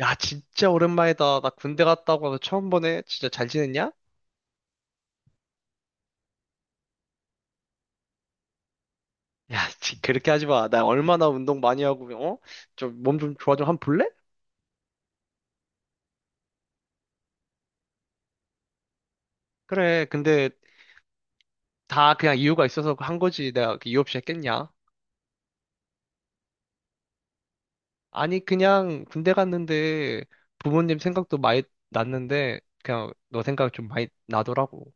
야, 진짜 오랜만이다. 나 군대 갔다 오고 와서 처음 보네. 진짜 잘 지냈냐? 야, 그렇게 하지 마. 나 얼마나 운동 많이 하고, 어? 좀 몸 좀 좋아 좀 한번 볼래? 그래, 근데 다 그냥 이유가 있어서 한 거지. 내가 그 이유 없이 했겠냐? 아니, 그냥 군대 갔는데 부모님 생각도 많이 났는데 그냥 너 생각 좀 많이 나더라고.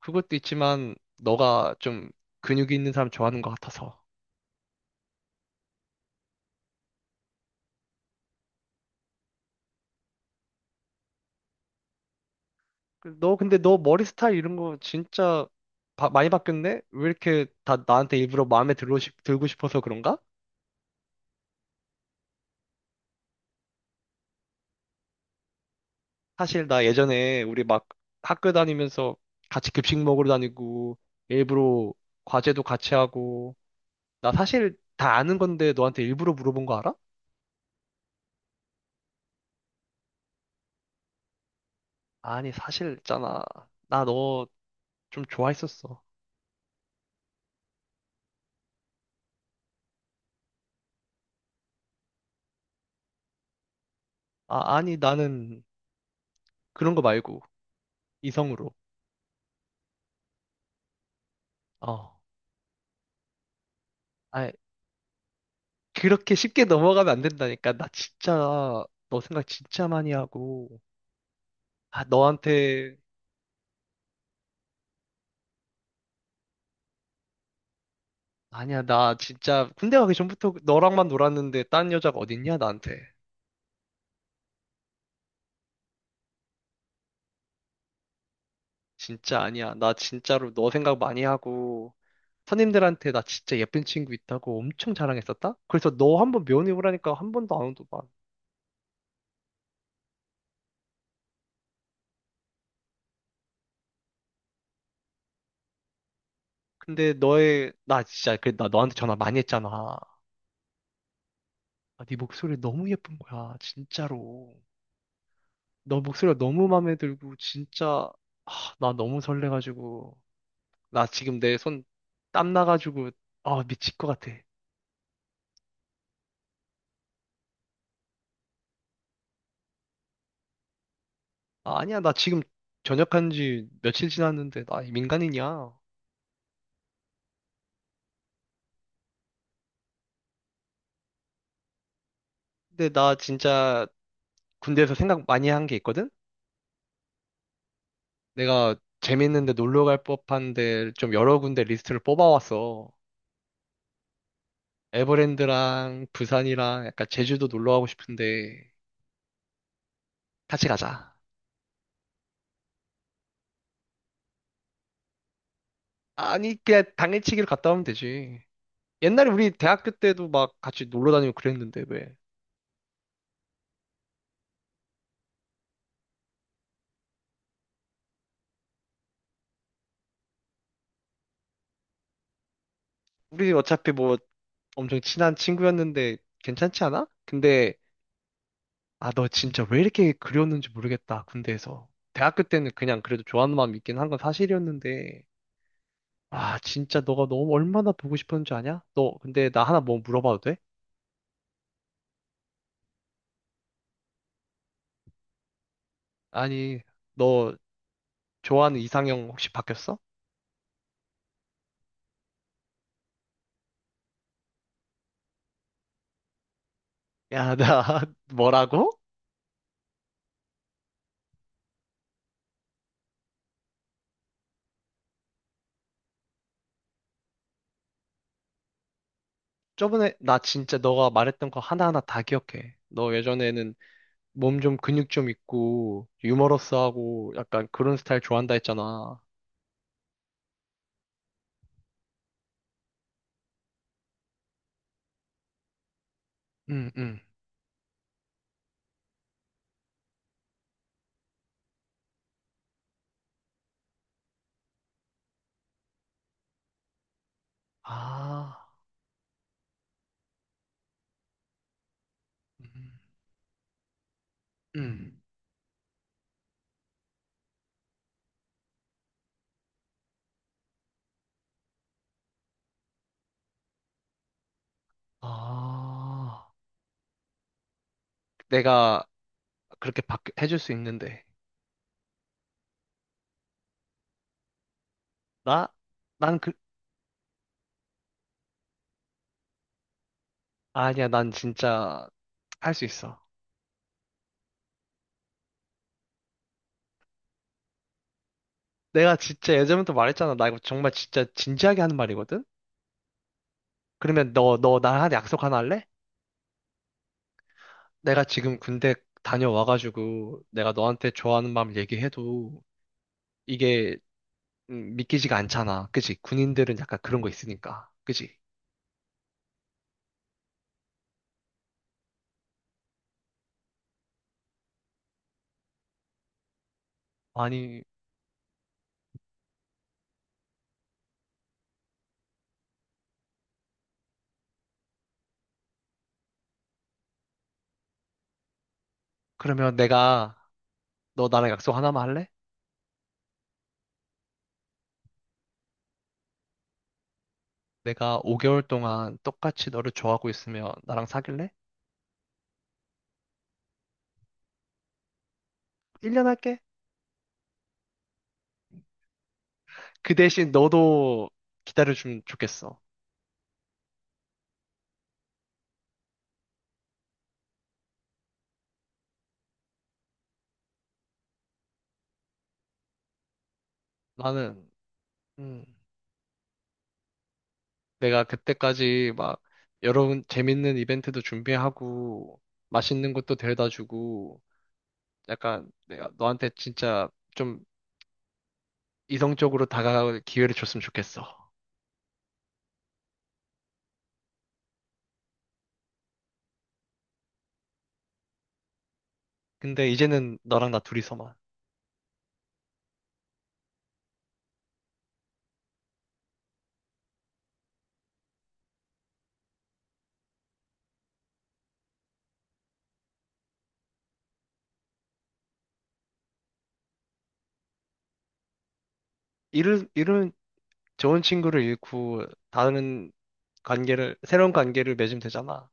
그것도 있지만 너가 좀 근육이 있는 사람 좋아하는 것 같아서. 그 너, 근데 너 머리 스타일 이런 거 진짜 많이 바뀌었네? 왜 이렇게 다 나한테 일부러 마음에 들고 싶어서 그런가? 사실 나 예전에 우리 막 학교 다니면서 같이 급식 먹으러 다니고, 일부러 과제도 같이 하고, 나 사실 다 아는 건데 너한테 일부러 물어본 거 알아? 아니, 사실 있잖아. 나 너 좀 좋아했었어. 아, 아니, 나는 그런 거 말고, 이성으로. 어. 그렇게 쉽게 넘어가면 안 된다니까. 나 진짜, 너 생각 진짜 많이 하고. 아, 너한테, 아니야, 나 진짜, 군대 가기 전부터 너랑만 놀았는데, 딴 여자가 어딨냐, 나한테. 진짜 아니야. 나 진짜로 너 생각 많이 하고, 선임들한테 나 진짜 예쁜 친구 있다고 엄청 자랑했었다? 그래서 너 한번 면회 오라니까 한 번도 안 오더만. 근데 너의, 나 진짜, 그나 너한테 전화 많이 했잖아. 아, 네 목소리 너무 예쁜 거야, 진짜로. 너 목소리가 너무 마음에 들고 진짜 아, 나 너무 설레가지고 나 지금 내 손 땀 나가지고 아 미칠 것 같아. 아, 아니야 나 지금 전역한 지 며칠 지났는데 나 민간인이야. 근데 나 진짜 군대에서 생각 많이 한 게 있거든? 내가 재밌는데 놀러 갈 법한 데 좀 여러 군데 리스트를 뽑아왔어. 에버랜드랑 부산이랑 약간 제주도 놀러 가고 싶은데 같이 가자. 아니 그냥 당일치기로 갔다 오면 되지. 옛날에 우리 대학교 때도 막 같이 놀러 다니고 그랬는데 왜? 우리 어차피 뭐 엄청 친한 친구였는데 괜찮지 않아? 근데 아, 너 진짜 왜 이렇게 그리웠는지 모르겠다. 군대에서. 대학교 때는 그냥 그래도 좋아하는 마음이 있긴 한 건 사실이었는데 아, 진짜 너가 너무 얼마나 보고 싶었는지 아냐? 너 근데 나 하나 뭐 물어봐도 돼? 아니, 너 좋아하는 이상형 혹시 바뀌었어? 야, 나 뭐라고? 저번에 나 진짜 너가 말했던 거 하나하나 다 기억해. 너 예전에는 몸 좀 근육 좀 있고 유머러스하고 약간 그런 스타일 좋아한다 했잖아. 응, 응. 아, 음, 음. 아, 내가 그렇게 해줄 수 있는데. 나? 난 아니야, 난 진짜 할 수 있어. 내가 진짜 예전부터 말했잖아. 나 이거 정말 진짜 진지하게 하는 말이거든? 그러면 너, 너 나한테 약속 하나 할래? 내가 지금 군대 다녀와가지고 내가 너한테 좋아하는 마음 얘기해도 이게 믿기지가 않잖아. 그치? 군인들은 약간 그런 거 있으니까. 그치? 아니, 그러면 내가, 너 나랑 약속 하나만 할래? 내가 5개월 동안 똑같이 너를 좋아하고 있으면 나랑 사귈래? 1년 할게. 그 대신 너도 기다려주면 좋겠어. 나는, 음, 내가 그때까지 막, 여러 재밌는 이벤트도 준비하고, 맛있는 것도 데려다 주고, 약간 내가 너한테 진짜 좀 이성적으로 다가갈 기회를 줬으면 좋겠어. 근데 이제는 너랑 나 둘이서만. 이런 좋은 친구를 잃고 다른 관계를, 새로운 관계를 맺으면 되잖아.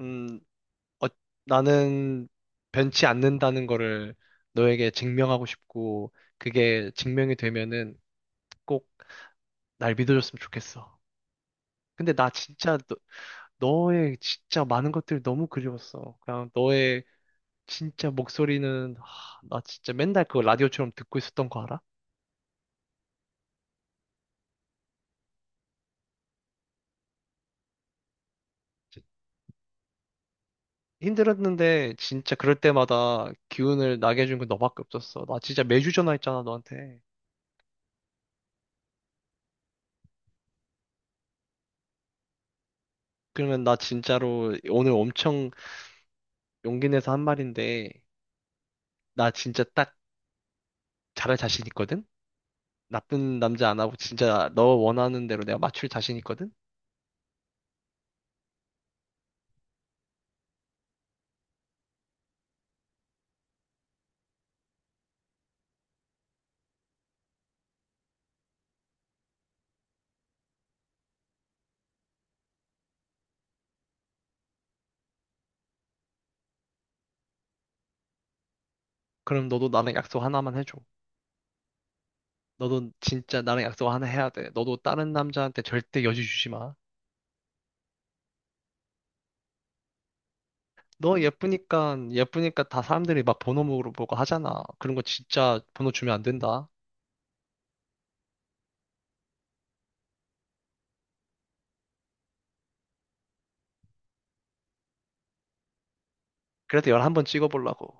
음, 어, 나는 변치 않는다는 거를 너에게 증명하고 싶고, 그게 증명이 되면은 꼭 날 믿어줬으면 좋겠어. 근데 나 진짜 너, 너의 진짜 많은 것들이 너무 그리웠어. 그냥 너의 진짜 목소리는, 하, 나 진짜 맨날 그거 라디오처럼 듣고 있었던 거 알아? 힘들었는데 진짜 그럴 때마다 기운을 나게 해준 건 너밖에 없었어. 나 진짜 매주 전화했잖아, 너한테. 그러면 나 진짜로 오늘 엄청 용기 내서 한 말인데, 나 진짜 딱 잘할 자신 있거든? 나쁜 남자 안 하고 진짜 너 원하는 대로 내가 맞출 자신 있거든? 그럼 너도 나랑 약속 하나만 해줘. 너도 진짜 나랑 약속 하나 해야 돼. 너도 다른 남자한테 절대 여지 주지 마. 너 예쁘니까, 예쁘니까 다 사람들이 막 번호 물어보고 하잖아. 그런 거 진짜 번호 주면 안 된다. 그래서 11번 찍어보려고.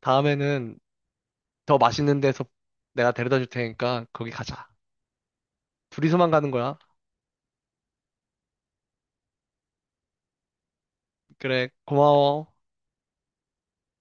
다음에는 더 맛있는 데서 내가 데려다 줄 테니까 거기 가자. 둘이서만 가는 거야. 그래, 고마워.